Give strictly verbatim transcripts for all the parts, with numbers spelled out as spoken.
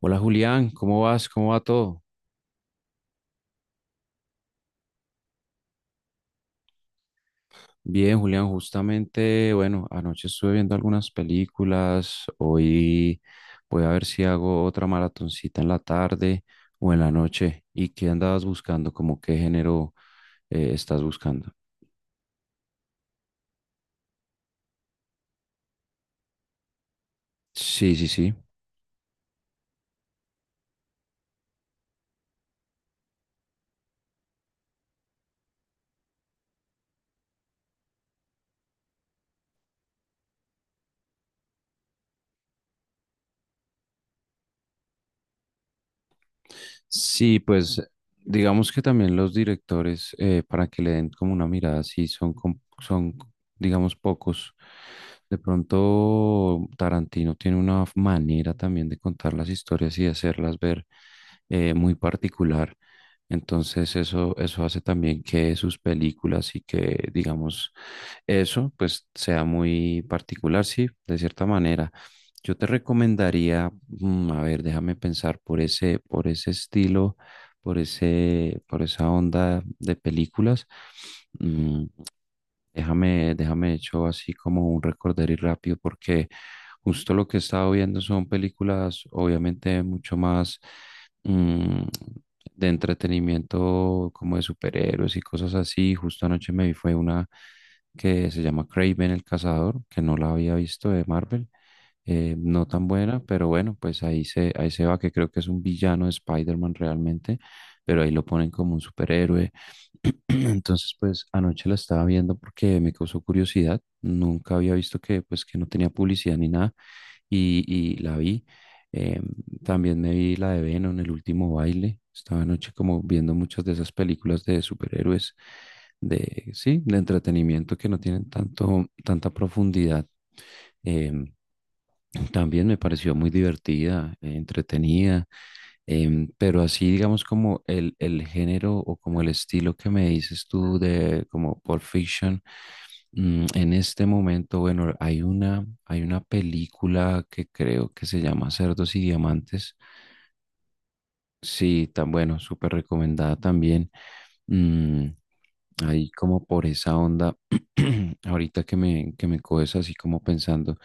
Hola Julián, ¿cómo vas? ¿Cómo va todo? Bien, Julián, justamente, bueno, anoche estuve viendo algunas películas, hoy voy a ver si hago otra maratoncita en la tarde o en la noche. ¿Y qué andabas buscando? ¿Cómo qué género eh, estás buscando? Sí, sí, sí. Sí, pues digamos que también los directores, eh, para que le den como una mirada, sí, son, com- son, digamos, pocos. De pronto Tarantino tiene una manera también de contar las historias y de hacerlas ver eh, muy particular. Entonces eso, eso hace también que sus películas y que, digamos, eso pues sea muy particular, sí, de cierta manera. Yo te recomendaría, mm, a ver, déjame pensar por ese, por ese estilo, por ese, por esa onda de películas. Mm, Déjame, déjame hecho así como un recorderis rápido porque justo lo que he estado viendo son películas obviamente mucho más mm, de entretenimiento como de superhéroes y cosas así. Justo anoche me vi fue una que se llama Kraven el Cazador, que no la había visto de Marvel. Eh, no tan buena, pero bueno, pues ahí se, ahí se va, que creo que es un villano de Spider-Man realmente, pero ahí lo ponen como un superhéroe. Entonces, pues anoche la estaba viendo porque me causó curiosidad. Nunca había visto que, pues, que no tenía publicidad ni nada y, y la vi. Em, También me vi la de Venom, El último baile. Estaba anoche como viendo muchas de esas películas de superhéroes, de, sí, de entretenimiento que no tienen tanto, tanta profundidad. Em, También me pareció muy divertida, eh, entretenida. Em, pero así, digamos, como el, el género o como el estilo que me dices tú de como Pulp Fiction, mm, en este momento, bueno, hay una, hay una película que creo que se llama Cerdos y Diamantes. Sí, tan bueno, súper recomendada también. Mm, Ahí como por esa onda, ahorita que me, que me coges así como pensando,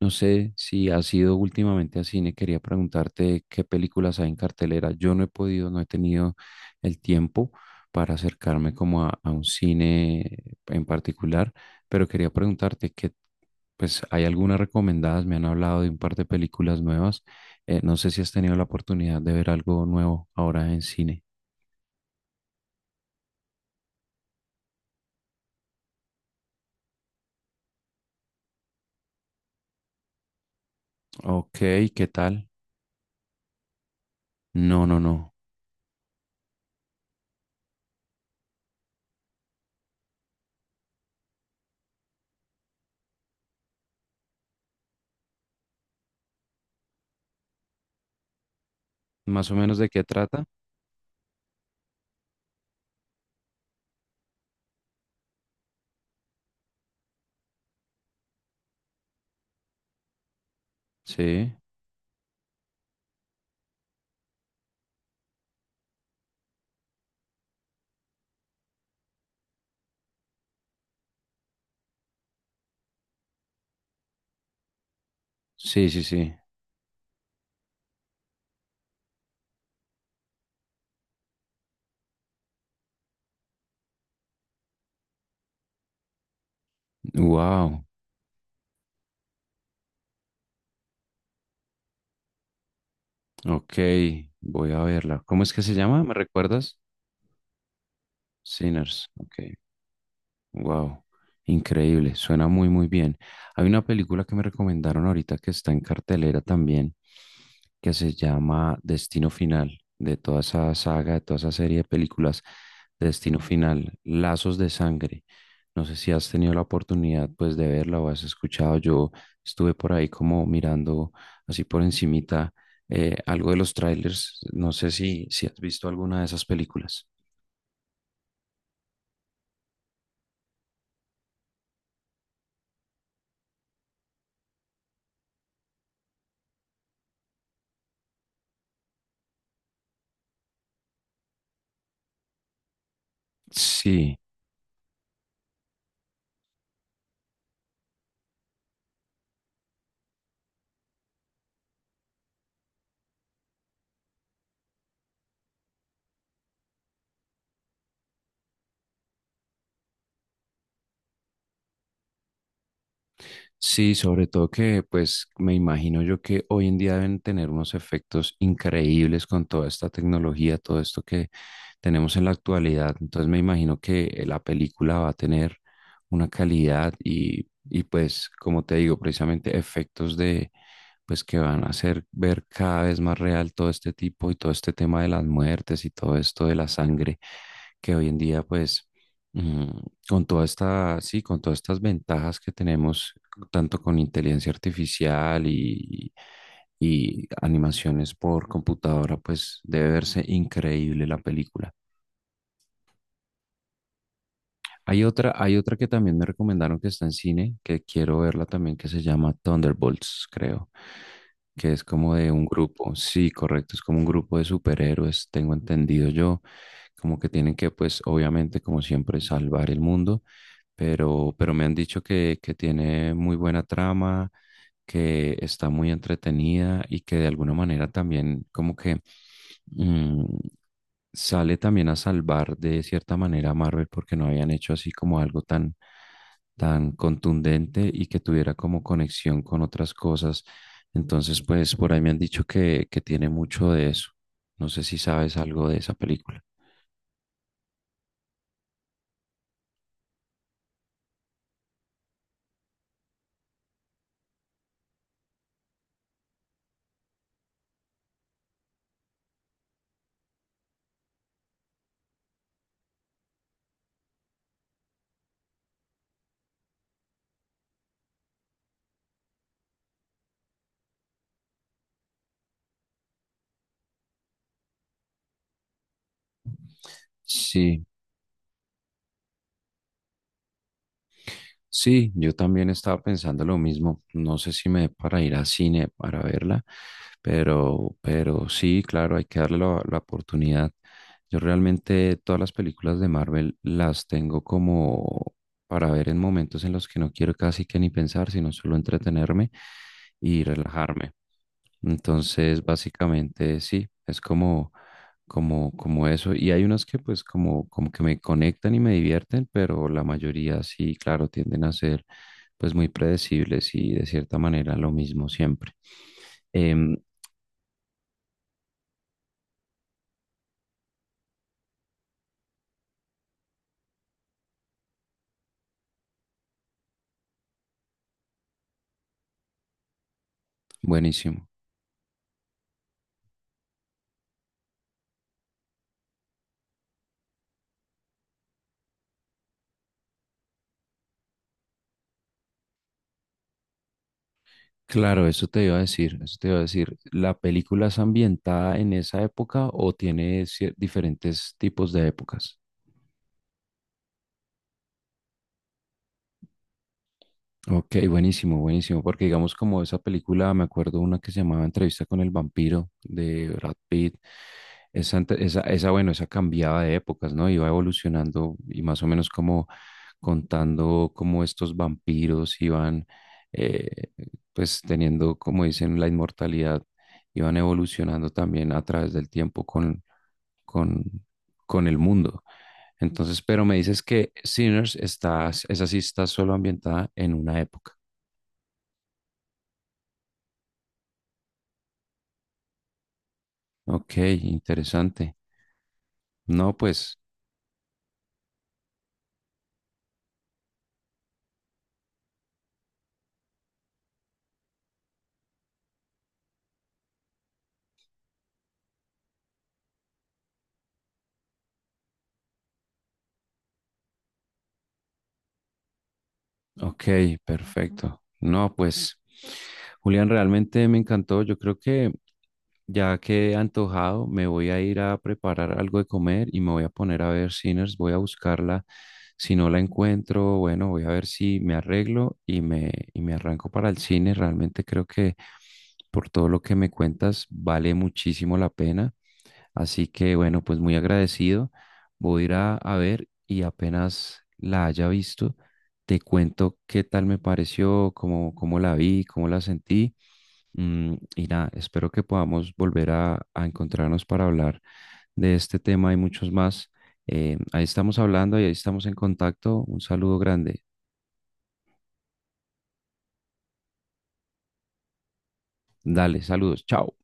no sé si has ido últimamente a cine, quería preguntarte qué películas hay en cartelera. Yo no he podido, no he tenido el tiempo para acercarme como a, a un cine en particular, pero quería preguntarte que, pues, ¿hay algunas recomendadas? Me han hablado de un par de películas nuevas. Eh, no sé si has tenido la oportunidad de ver algo nuevo ahora en cine. Ok, ¿qué tal? No, no, no. ¿Más o menos de qué trata? Sí, sí, sí, sí. Wow. Ok, voy a verla. ¿Cómo es que se llama? ¿Me recuerdas? Sinners. Ok. Wow, increíble, suena muy muy bien. Hay una película que me recomendaron ahorita que está en cartelera también, que se llama Destino Final, de toda esa saga, de toda esa serie de películas de Destino Final, Lazos de Sangre. No sé si has tenido la oportunidad pues de verla o has escuchado. Yo estuve por ahí como mirando así por encimita, eh, algo de los trailers. No sé si, si has visto alguna de esas películas. Sí. Sí, sobre todo que pues me imagino yo que hoy en día deben tener unos efectos increíbles con toda esta tecnología, todo esto que tenemos en la actualidad. Entonces me imagino que eh, la película va a tener una calidad y, y pues como te digo, precisamente efectos de pues que van a hacer ver cada vez más real todo este tipo y todo este tema de las muertes y todo esto de la sangre que hoy en día pues Mm, con toda esta, sí, con todas estas ventajas que tenemos, tanto con inteligencia artificial y, y animaciones por computadora, pues debe verse increíble la película. Hay otra, hay otra que también me recomendaron que está en cine, que quiero verla también, que se llama Thunderbolts, creo, que es como de un grupo, sí, correcto, es como un grupo de superhéroes, tengo entendido yo, como que tienen que, pues, obviamente, como siempre, salvar el mundo, pero, pero me han dicho que, que tiene muy buena trama, que está muy entretenida y que de alguna manera también como que mm, sale también a salvar de cierta manera a Marvel porque no habían hecho así como algo tan, tan contundente y que tuviera como conexión con otras cosas. Entonces, pues por ahí me han dicho que, que tiene mucho de eso. No sé si sabes algo de esa película. Sí. Sí, yo también estaba pensando lo mismo. No sé si me dé para ir a cine para verla, pero, pero sí, claro, hay que darle la, la oportunidad. Yo realmente todas las películas de Marvel las tengo como para ver en momentos en los que no quiero casi que ni pensar, sino solo entretenerme y relajarme. Entonces, básicamente sí, es como, como, como eso. Y hay unas que pues como, como que me conectan y me divierten, pero la mayoría sí, claro, tienden a ser pues muy predecibles y de cierta manera lo mismo siempre. Em, Buenísimo. Claro, eso te iba a decir, eso te iba a decir. ¿La película es ambientada en esa época o tiene cier- diferentes tipos de épocas? Ok, buenísimo, buenísimo, porque digamos como esa película, me acuerdo una que se llamaba Entrevista con el vampiro de Brad Pitt, esa, ante- esa, esa, bueno, esa cambiaba de épocas, ¿no? Iba evolucionando y más o menos como contando cómo estos vampiros iban, eh, pues teniendo, como dicen, la inmortalidad, iban evolucionando también a través del tiempo con, con el mundo. Entonces, pero me dices que Sinners está, esa sí está solo ambientada en una época. Ok, interesante. No, pues Ok, perfecto. No, pues, Julián, realmente me encantó. Yo creo que ya que he antojado, me voy a ir a preparar algo de comer y me voy a poner a ver Sinners. Voy a buscarla. Si no la encuentro, bueno, voy a ver si me arreglo y me, y me arranco para el cine. Realmente creo que por todo lo que me cuentas, vale muchísimo la pena. Así que bueno, pues muy agradecido. Voy a ir a, a ver y apenas la haya visto, te cuento qué tal me pareció, cómo, cómo la vi, cómo la sentí. Mm, y nada, espero que podamos volver a, a encontrarnos para hablar de este tema y muchos más. Eh, ahí estamos hablando y ahí estamos en contacto. Un saludo grande. Dale, saludos. Chao.